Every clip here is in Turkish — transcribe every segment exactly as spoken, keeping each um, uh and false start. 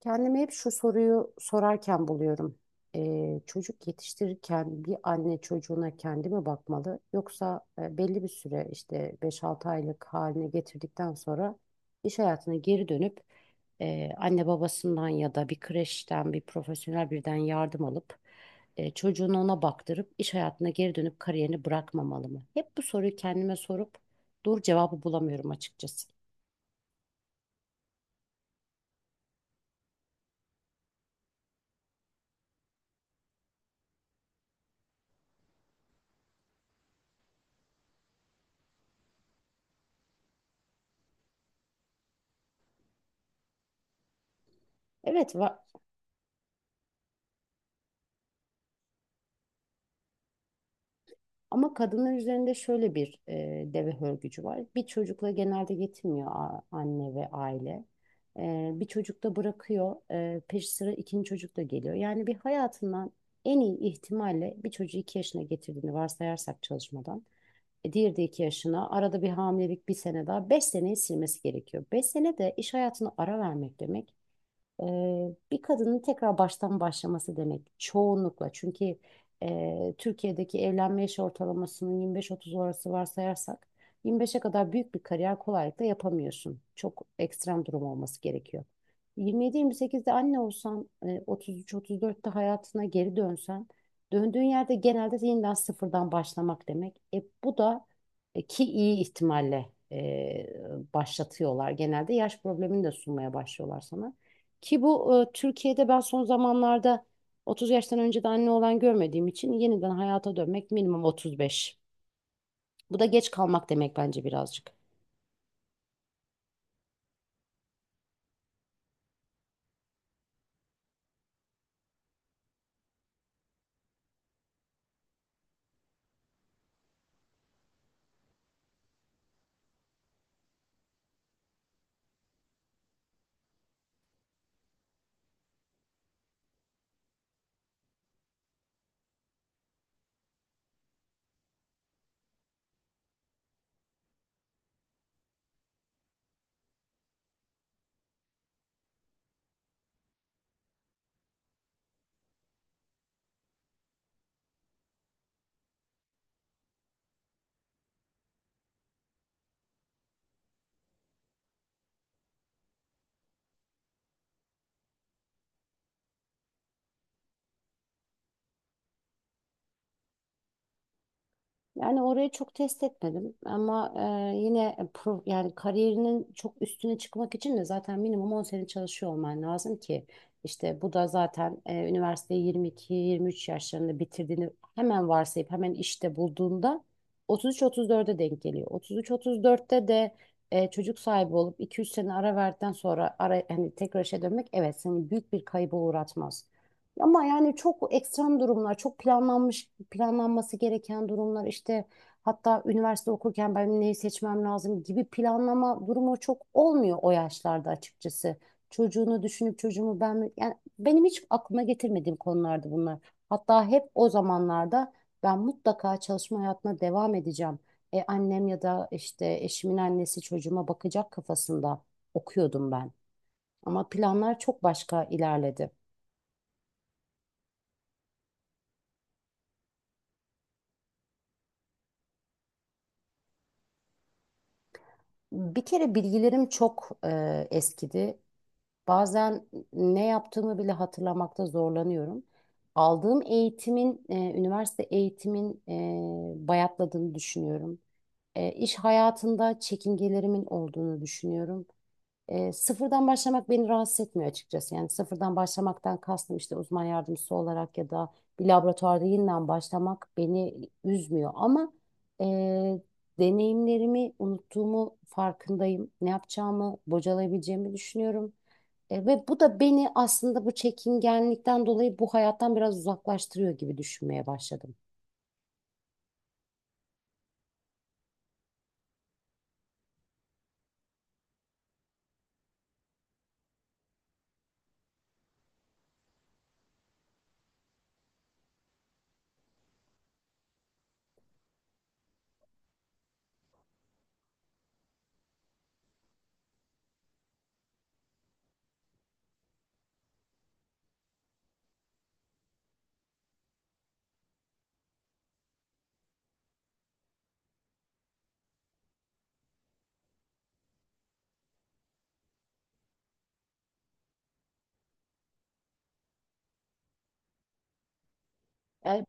Kendime hep şu soruyu sorarken buluyorum. Ee, çocuk yetiştirirken bir anne çocuğuna kendi mi bakmalı yoksa e, belli bir süre işte beş altı aylık haline getirdikten sonra iş hayatına geri dönüp e, anne babasından ya da bir kreşten bir profesyonel birden yardım alıp e, çocuğunu ona baktırıp iş hayatına geri dönüp kariyerini bırakmamalı mı? Hep bu soruyu kendime sorup doğru cevabı bulamıyorum açıkçası. Evet, va- Ama kadınlar üzerinde şöyle bir e, deve hörgücü var. Bir çocukla genelde yetinmiyor a- anne ve aile. E, bir çocuk da bırakıyor. E, peşi sıra ikinci çocuk da geliyor. Yani bir hayatından en iyi ihtimalle bir çocuğu iki yaşına getirdiğini varsayarsak çalışmadan. E, diğeri de iki yaşına. Arada bir hamilelik bir sene daha. Beş seneyi silmesi gerekiyor. Beş sene de iş hayatına ara vermek demek. Eee, bir kadının tekrar baştan başlaması demek çoğunlukla. Çünkü eee, Türkiye'deki evlenme yaş ortalamasının yirmi beş otuz arası varsayarsak yirmi beşe kadar büyük bir kariyer kolaylıkla yapamıyorsun. Çok ekstrem durum olması gerekiyor. yirmi yedi yirmi sekizde anne olsan, eee, otuz üç otuz dörtte hayatına geri dönsen, döndüğün yerde genelde yeniden sıfırdan başlamak demek. E, bu da e, ki iyi ihtimalle eee, başlatıyorlar. Genelde yaş problemini de sunmaya başlıyorlar sana. Ki bu e, Türkiye'de ben son zamanlarda otuz yaştan önce de anne olan görmediğim için yeniden hayata dönmek minimum otuz beş. Bu da geç kalmak demek bence birazcık. Yani orayı çok test etmedim ama e, yine e, pro, yani kariyerinin çok üstüne çıkmak için de zaten minimum on sene çalışıyor olman lazım ki işte bu da zaten e, üniversiteyi yirmi iki yirmi üç yaşlarında bitirdiğini hemen varsayıp hemen işte bulduğunda otuz üç otuz dörde denk geliyor. otuz üç otuz dörtte de e, çocuk sahibi olup iki üç sene ara verdikten sonra ara, hani tekrar işe dönmek evet seni büyük bir kayba uğratmaz. Ama yani çok ekstrem durumlar, çok planlanmış, planlanması gereken durumlar işte hatta üniversite okurken ben neyi seçmem lazım gibi planlama durumu çok olmuyor o yaşlarda açıkçası. Çocuğunu düşünüp çocuğumu ben mi- yani benim hiç aklıma getirmediğim konulardı bunlar. Hatta hep o zamanlarda ben mutlaka çalışma hayatına devam edeceğim. E, annem ya da işte eşimin annesi çocuğuma bakacak kafasında okuyordum ben. Ama planlar çok başka ilerledi. Bir kere bilgilerim çok e, eskidi. Bazen ne yaptığımı bile hatırlamakta zorlanıyorum. Aldığım eğitimin, e, üniversite eğitimin e, bayatladığını düşünüyorum. E, iş hayatında çekingelerimin olduğunu düşünüyorum. E, sıfırdan başlamak beni rahatsız etmiyor açıkçası. Yani sıfırdan başlamaktan kastım işte uzman yardımcısı olarak ya da bir laboratuvarda yeniden başlamak beni üzmüyor. Ama e, deneyimlerimi unuttuğumu farkındayım. Ne yapacağımı, bocalayabileceğimi düşünüyorum. E, ve bu da beni aslında bu çekingenlikten dolayı bu hayattan biraz uzaklaştırıyor gibi düşünmeye başladım. E,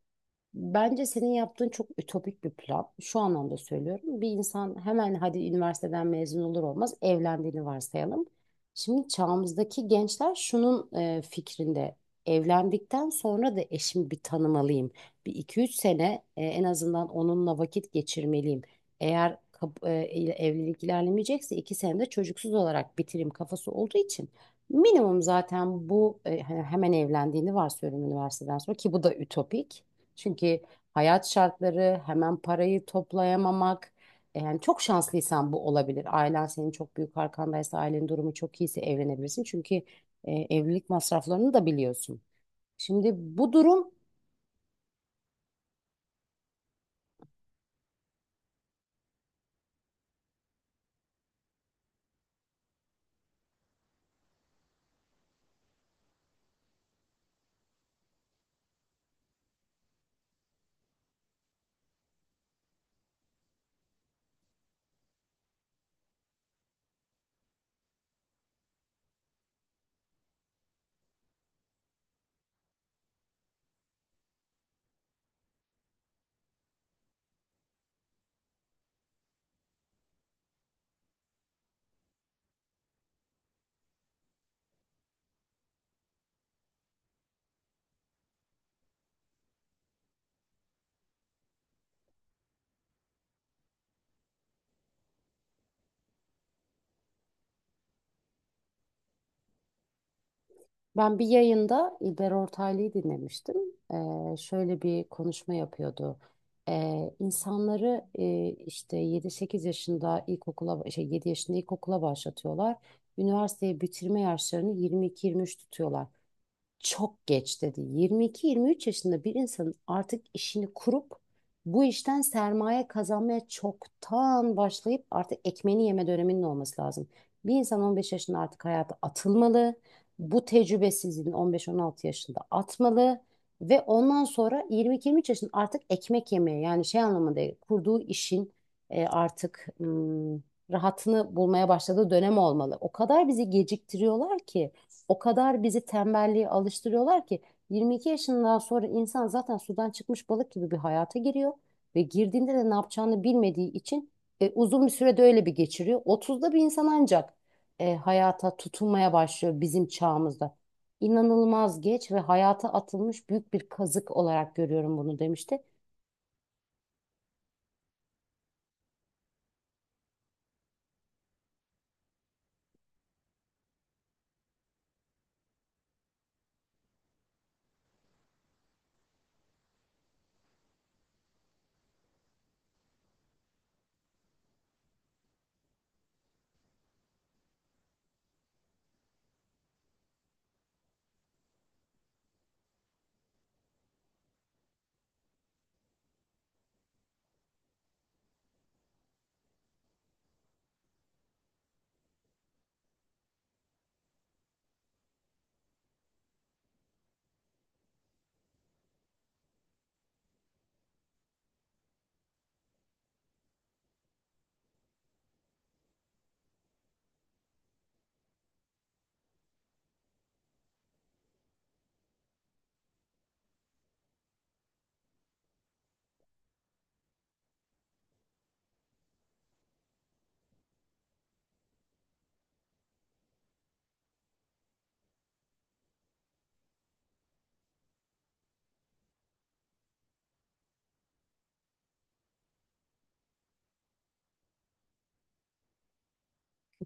Bence senin yaptığın çok ütopik bir plan. Şu anlamda söylüyorum. Bir insan hemen hadi üniversiteden mezun olur olmaz evlendiğini varsayalım. Şimdi çağımızdaki gençler şunun e, fikrinde. Evlendikten sonra da eşimi bir tanımalıyım. Bir iki üç sene e, en azından onunla vakit geçirmeliyim. Eğer kap- e, evlilik ilerlemeyecekse iki sene de çocuksuz olarak bitireyim kafası olduğu için. Minimum zaten bu e, hani hemen evlendiğini varsayıyorum üniversiteden sonra ki bu da ütopik. Çünkü hayat şartları, hemen parayı toplayamamak. e, Yani çok şanslıysan bu olabilir. Ailen senin çok büyük arkandaysa, ailenin durumu çok iyiyse evlenebilirsin. Çünkü e, evlilik masraflarını da biliyorsun. Şimdi bu durum ben bir yayında İlber Ortaylı'yı dinlemiştim. E, şöyle bir konuşma yapıyordu. E, insanları e, işte yedi sekiz yaşında ilkokula, şey yedi yaşında ilkokula başlatıyorlar. Üniversiteyi bitirme yaşlarını yirmi iki yirmi üç tutuyorlar. Çok geç dedi. yirmi iki yirmi üç yaşında bir insanın artık işini kurup bu işten sermaye kazanmaya çoktan başlayıp artık ekmeğini yeme döneminin olması lazım. Bir insan on beş yaşında artık hayata atılmalı. Bu tecrübesizliğini on beş on altı yaşında atmalı. Ve ondan sonra yirmi iki yirmi üç yaşında artık ekmek yemeye yani şey anlamında değil, kurduğu işin e, artık hmm, rahatını bulmaya başladığı dönem olmalı. O kadar bizi geciktiriyorlar ki. O kadar bizi tembelliğe alıştırıyorlar ki yirmi iki yaşından sonra insan zaten sudan çıkmış balık gibi bir hayata giriyor ve girdiğinde de ne yapacağını bilmediği için e, uzun bir sürede öyle bir geçiriyor. otuzda bir insan ancak e, hayata tutunmaya başlıyor bizim çağımızda. İnanılmaz geç ve hayata atılmış büyük bir kazık olarak görüyorum bunu demişti.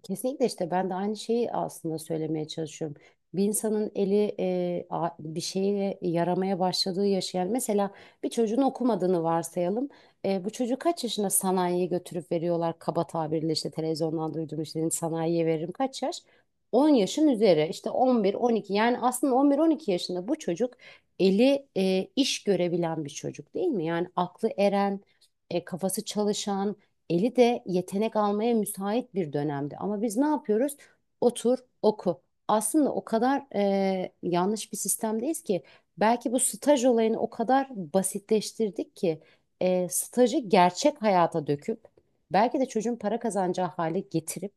Kesinlikle işte ben de aynı şeyi aslında söylemeye çalışıyorum. Bir insanın eli e, a- bir şeye yaramaya başladığı yaşayan mesela bir çocuğun okumadığını varsayalım. E, bu çocuğu kaç yaşında sanayiye götürüp veriyorlar kaba tabirle işte televizyondan duyduğum işte sanayiye veririm kaç yaş? on yaşın üzeri işte on bir on iki yani aslında on bir on iki yaşında bu çocuk eli e, iş görebilen bir çocuk değil mi? Yani aklı eren, e, kafası çalışan eli de yetenek almaya müsait bir dönemdi. Ama biz ne yapıyoruz? Otur, oku. Aslında o kadar e, yanlış bir sistemdeyiz ki belki bu staj olayını o kadar basitleştirdik ki e, stajı gerçek hayata döküp belki de çocuğun para kazanacağı hale getirip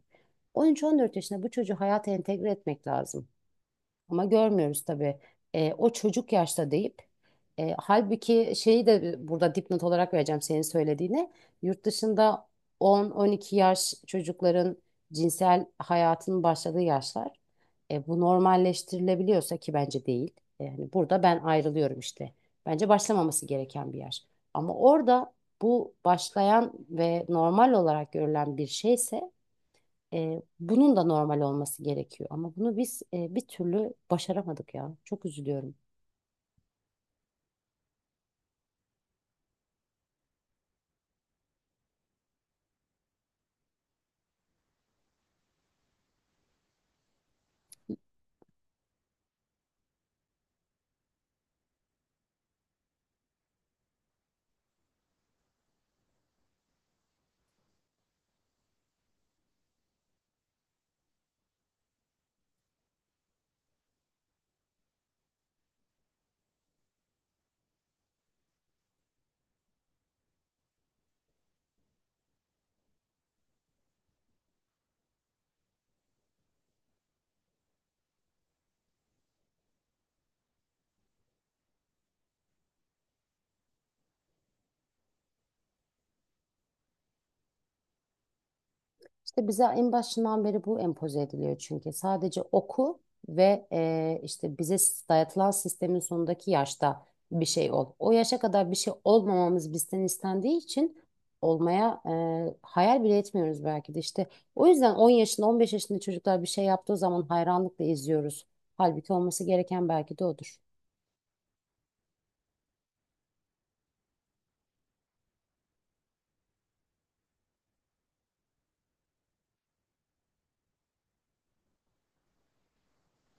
on üç on dört yaşında bu çocuğu hayata entegre etmek lazım. Ama görmüyoruz tabii. E, o çocuk yaşta deyip e, halbuki şeyi de burada dipnot olarak vereceğim senin söylediğine. Yurt dışında on on iki yaş çocukların cinsel hayatının başladığı yaşlar. E, bu normalleştirilebiliyorsa ki bence değil. E, Yani burada ben ayrılıyorum işte. Bence başlamaması gereken bir yaş. Ama orada bu başlayan ve normal olarak görülen bir şeyse e, bunun da normal olması gerekiyor. Ama bunu biz e, bir türlü başaramadık ya. Çok üzülüyorum. İşte bize en başından beri bu empoze ediliyor çünkü. Sadece oku ve e, işte bize dayatılan sistemin sonundaki yaşta bir şey ol. O yaşa kadar bir şey olmamamız bizden istendiği için olmaya e, hayal bile etmiyoruz belki de işte. O yüzden on yaşında on beş yaşında çocuklar bir şey yaptığı zaman hayranlıkla izliyoruz. Halbuki olması gereken belki de odur.